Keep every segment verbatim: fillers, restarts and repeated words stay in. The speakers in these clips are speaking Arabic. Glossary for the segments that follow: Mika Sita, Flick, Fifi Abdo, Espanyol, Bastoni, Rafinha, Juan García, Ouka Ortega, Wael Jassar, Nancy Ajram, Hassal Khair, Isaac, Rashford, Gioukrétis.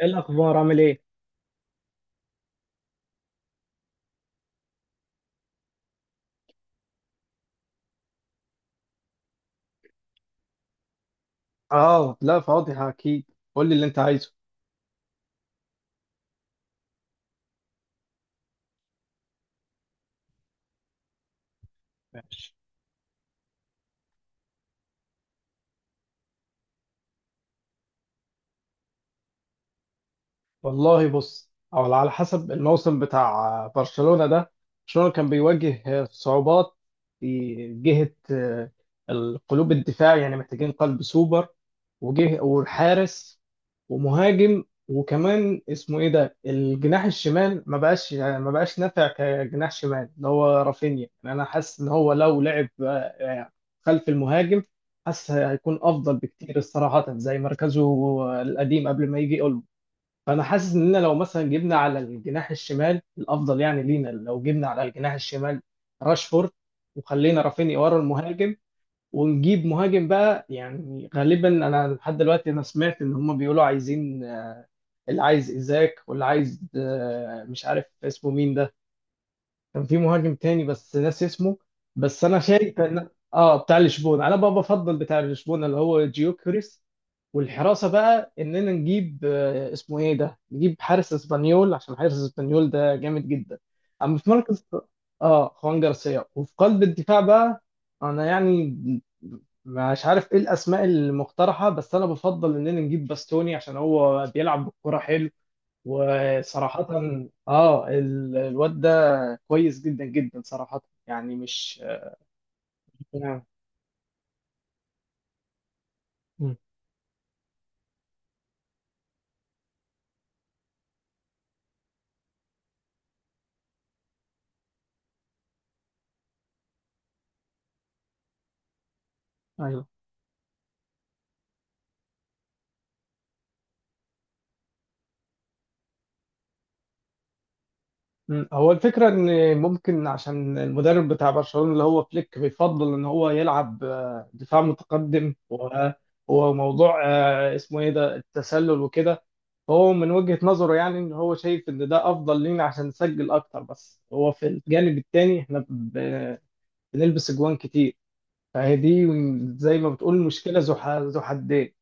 ايه الاخبار عامل ايه؟ اه، لا فاضي اكيد. قول لي اللي انت عايزه. والله بص، او على حسب الموسم بتاع برشلونة ده. برشلونة كان بيواجه صعوبات في جهة آه، القلوب، الدفاع يعني محتاجين قلب سوبر، وجه والحارس ومهاجم، وكمان اسمه ايه ده الجناح الشمال ما بقاش يعني ما بقاش نافع كجناح شمال، اللي هو رافينيا. يعني انا حاسس ان هو لو لعب آه، يعني خلف المهاجم، حاسس هيكون افضل بكتير صراحة، زي مركزه القديم قبل ما يجي. فانا حاسس اننا لو مثلا جبنا على الجناح الشمال الافضل، يعني لينا لو جبنا على الجناح الشمال راشفورد، وخلينا رافينيا ورا المهاجم، ونجيب مهاجم بقى. يعني غالبا انا لحد دلوقتي انا سمعت ان هم بيقولوا عايزين آه، اللي عايز ايزاك واللي عايز، آه، مش عارف اسمه مين ده، كان في مهاجم تاني بس ناسي اسمه. بس انا شايف ان، اه، بتاع لشبونه، انا بقى بفضل بتاع لشبونه اللي هو جيوكريس. والحراسه بقى اننا نجيب، آه، اسمه ايه ده، نجيب حارس اسبانيول، عشان حارس اسبانيول ده جامد جدا اما في مركز. اه، خوان جارسيا. وفي قلب الدفاع بقى، انا يعني مش عارف ايه الاسماء المقترحه، بس انا بفضل اننا نجيب باستوني عشان هو بيلعب بالكره حلو. وصراحه، اه، ال- الواد ده كويس جدا جدا صراحه، يعني مش. نعم. مم. ايوه. مم. هو الفكرة ان ممكن عشان المدرب بتاع برشلونة اللي هو فليك بيفضل ان هو يلعب آه، دفاع متقدم، و- وموضوع آه، اسمه ايه ده التسلل وكده. فهو من وجهة نظره يعني ان هو شايف ان ده افضل لينا عشان نسجل اكتر، بس هو في الجانب التاني احنا ب- بنلبس اجوان كتير. فهي دي زي ما بتقول مشكلة ذو ح- ذو حدين.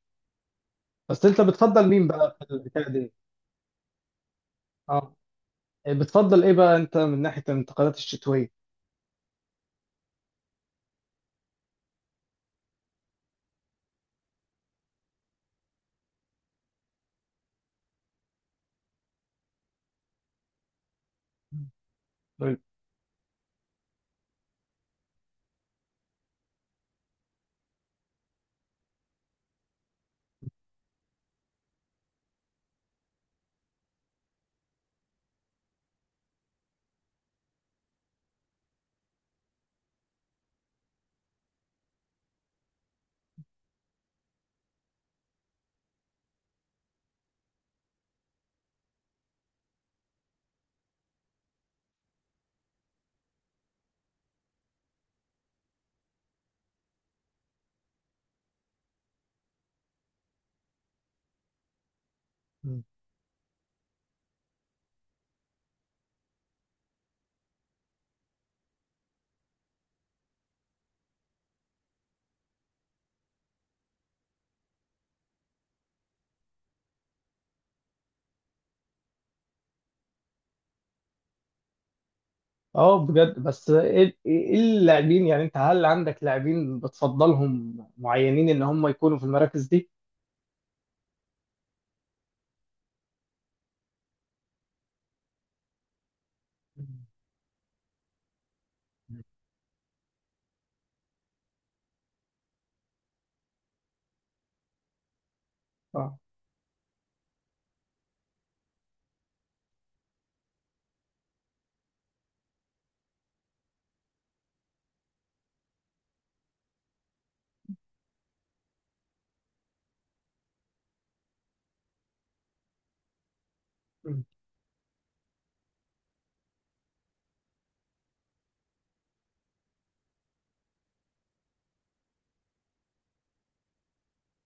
بس انت بتفضل مين بقى في البتاع دي؟ اه. بتفضل ايه بقى انت من ناحية الانتقالات الشتوية؟ اه، بجد. بس ايه، إيه اللاعبين يعني؟ انت هل عندك لاعبين بتفضلهم معينين ان هم يكونوا في المراكز دي؟ اه. مم.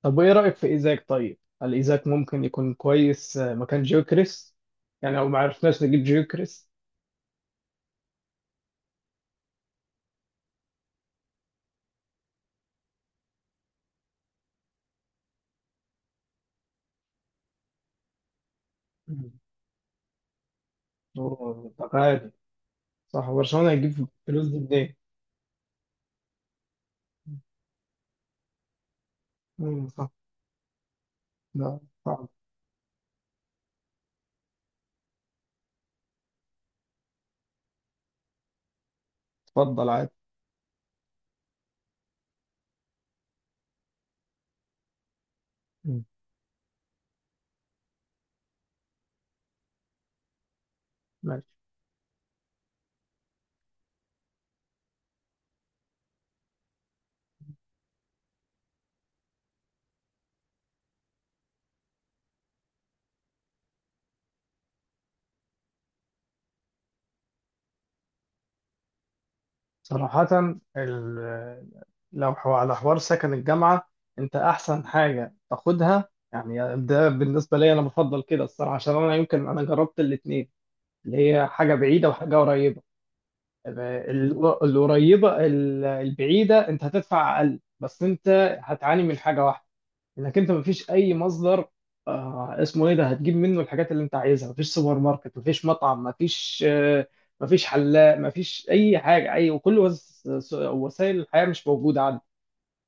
طب وايه رأيك في ايزاك طيب؟ هل ايزاك ممكن يكون كويس آه، مكان جيوكريس؟ يعني لو ما عرفناش نجيب جيوكريس. مم. هو تقاعد. صح، برشلونة هيجيب الفلوس دي منين؟ مم، صح. لا، صعب. اتفضل عادي. مم. صراحة، ال- لو حو- على حوار سكن الجامعة، أنت أحسن حاجة تاخدها. يعني ده بالنسبة لي أنا بفضل كده الصراحة، عشان أنا يمكن أنا جربت الاتنين، اللي هي حاجة بعيدة وحاجة قريبة. ال- ال- القريبة، ال- البعيدة أنت هتدفع أقل، بس أنت هتعاني من حاجة واحدة، انك انت مفيش اي مصدر، آه، اسمه ايه ده، هتجيب منه الحاجات اللي انت عايزها. مفيش سوبر ماركت، مفيش مطعم، مفيش آه، مفيش حلاق، مفيش اي حاجه، اي وكل وس- س- وسائل الحياه مش موجوده عندك.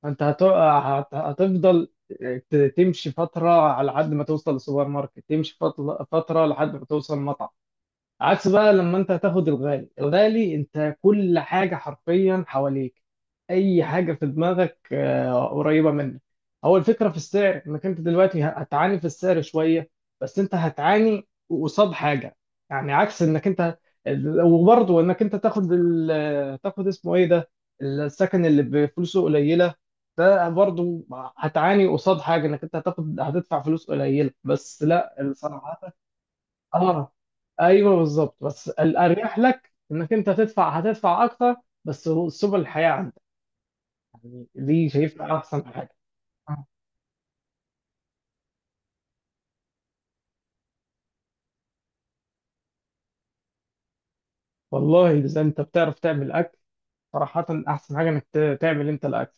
فانت هت- هت- هتفضل آه، ت- تمشي فتره على حد ما توصل للسوبر ماركت، تمشي فضل- فتره لحد ما توصل مطعم. عكس بقى لما انت هتاخد الغالي، الغالي انت كل حاجة حرفيا حواليك، اي حاجة في دماغك آه، قريبة منك. هو الفكرة في السعر، انك انت دلوقتي هتعاني في السعر شوية، بس انت هتعاني قصاد حاجة. يعني عكس انك انت، وبرضه انك انت تاخد ال... تاخد اسمه ايه ده السكن اللي بفلوسه قليلة، ده برضه هتعاني قصاد حاجة، انك انت هتاخد هتدفع فلوس قليلة. بس لا صراحة. اه، ايوه بالظبط. بس الاريح لك انك انت تدفع، هتدفع اكتر، بس سبل الحياه عندك، دي شايفها احسن حاجه. آه. والله اذا انت بتعرف تعمل اكل، صراحه احسن حاجه انك ت- تعمل انت الاكل.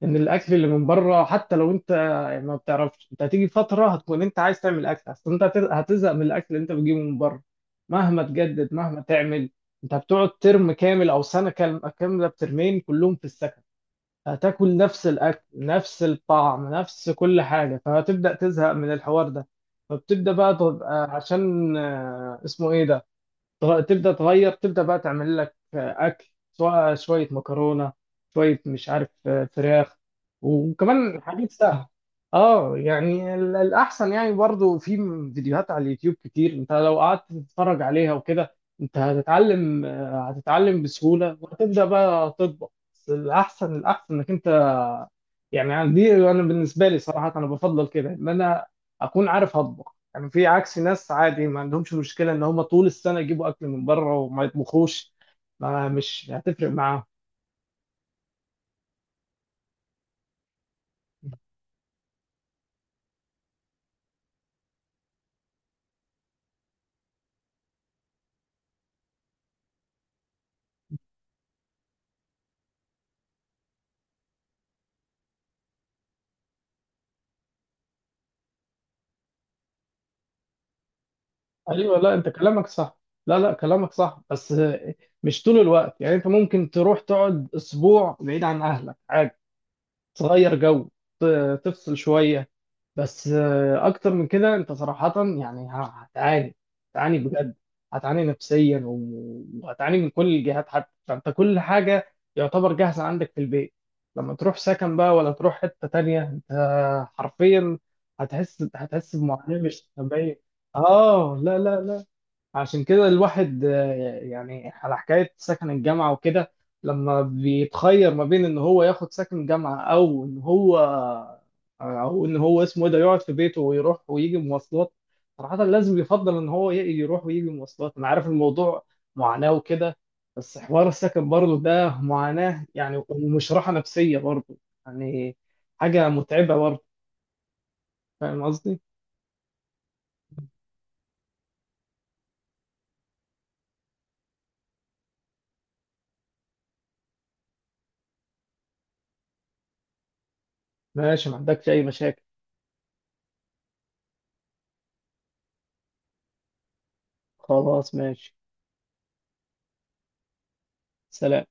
لان الاكل اللي من بره حتى لو انت يعني ما بتعرفش، انت هتيجي فتره هتكون انت عايز تعمل اكل، اصل انت هت- هتزهق من الاكل اللي انت بتجيبه من بره مهما تجدد مهما تعمل. انت بتقعد ترم كامل او سنه كام- كامله بترمين كلهم في السكن، هتاكل نفس الاكل نفس الطعم نفس كل حاجه، فهتبدا تزهق من الحوار ده. فبتبدا بقى تبقى عشان آه، اسمه ايه ده، تغ- تبدا تغير، تبدا بقى تعمل لك آه، اكل، سواء شويه مكرونه، شويه مش عارف آه، فراخ، وكمان حاجات سهله. اه، يعني ال- الاحسن. يعني برضو في م- فيديوهات على اليوتيوب كتير، انت لو قعدت تتفرج عليها وكده انت هتتعلم، آه، هتتعلم بسهوله وهتبدا بقى تطبخ. بس الاحسن الاحسن انك انت، يعني دي انا بالنسبه لي صراحه انا بفضل كده، ان انا اكون عارف اطبخ. يعني في عكس ناس عادي ما عندهمش مشكلة ان هم طول السنة يجيبوا اكل من بره وما يطبخوش، ما مش هتفرق معاهم. ايوه، لا انت كلامك صح. لا لا، كلامك صح، بس مش طول الوقت. يعني انت ممكن تروح تقعد اسبوع بعيد عن اهلك عادي، تغير جو، ت- تفصل شوية، بس آه، اكتر من كده انت صراحة يعني ه- هتعاني. هتعاني بجد، هتعاني نفسيا و- وهتعاني من كل الجهات. حتى فانت كل حاجة يعتبر جاهزة عندك في البيت، لما تروح سكن بقى ولا تروح حتة تانية، انت حرفيا هتحس هتحس بمعاناة مش طبيعية. اه لا لا لا. عشان كده الواحد آه، يعني على حكاية سكن الجامعة وكده، لما بيتخير ما بين ان هو ياخد سكن جامعة او ان هو او ان هو اسمه ايه ده يقعد في بيته ويروح ويجي مواصلات، صراحة لازم يفضل ان هو ي- يروح ويجي مواصلات. انا عارف الموضوع معاناة وكده، بس حوار السكن برضه ده معاناة يعني، ومش راحة نفسية برضه يعني، حاجة متعبة برضه. فاهم قصدي؟ ماشي، ما عندكش اي مشاكل. خلاص ماشي. سلام.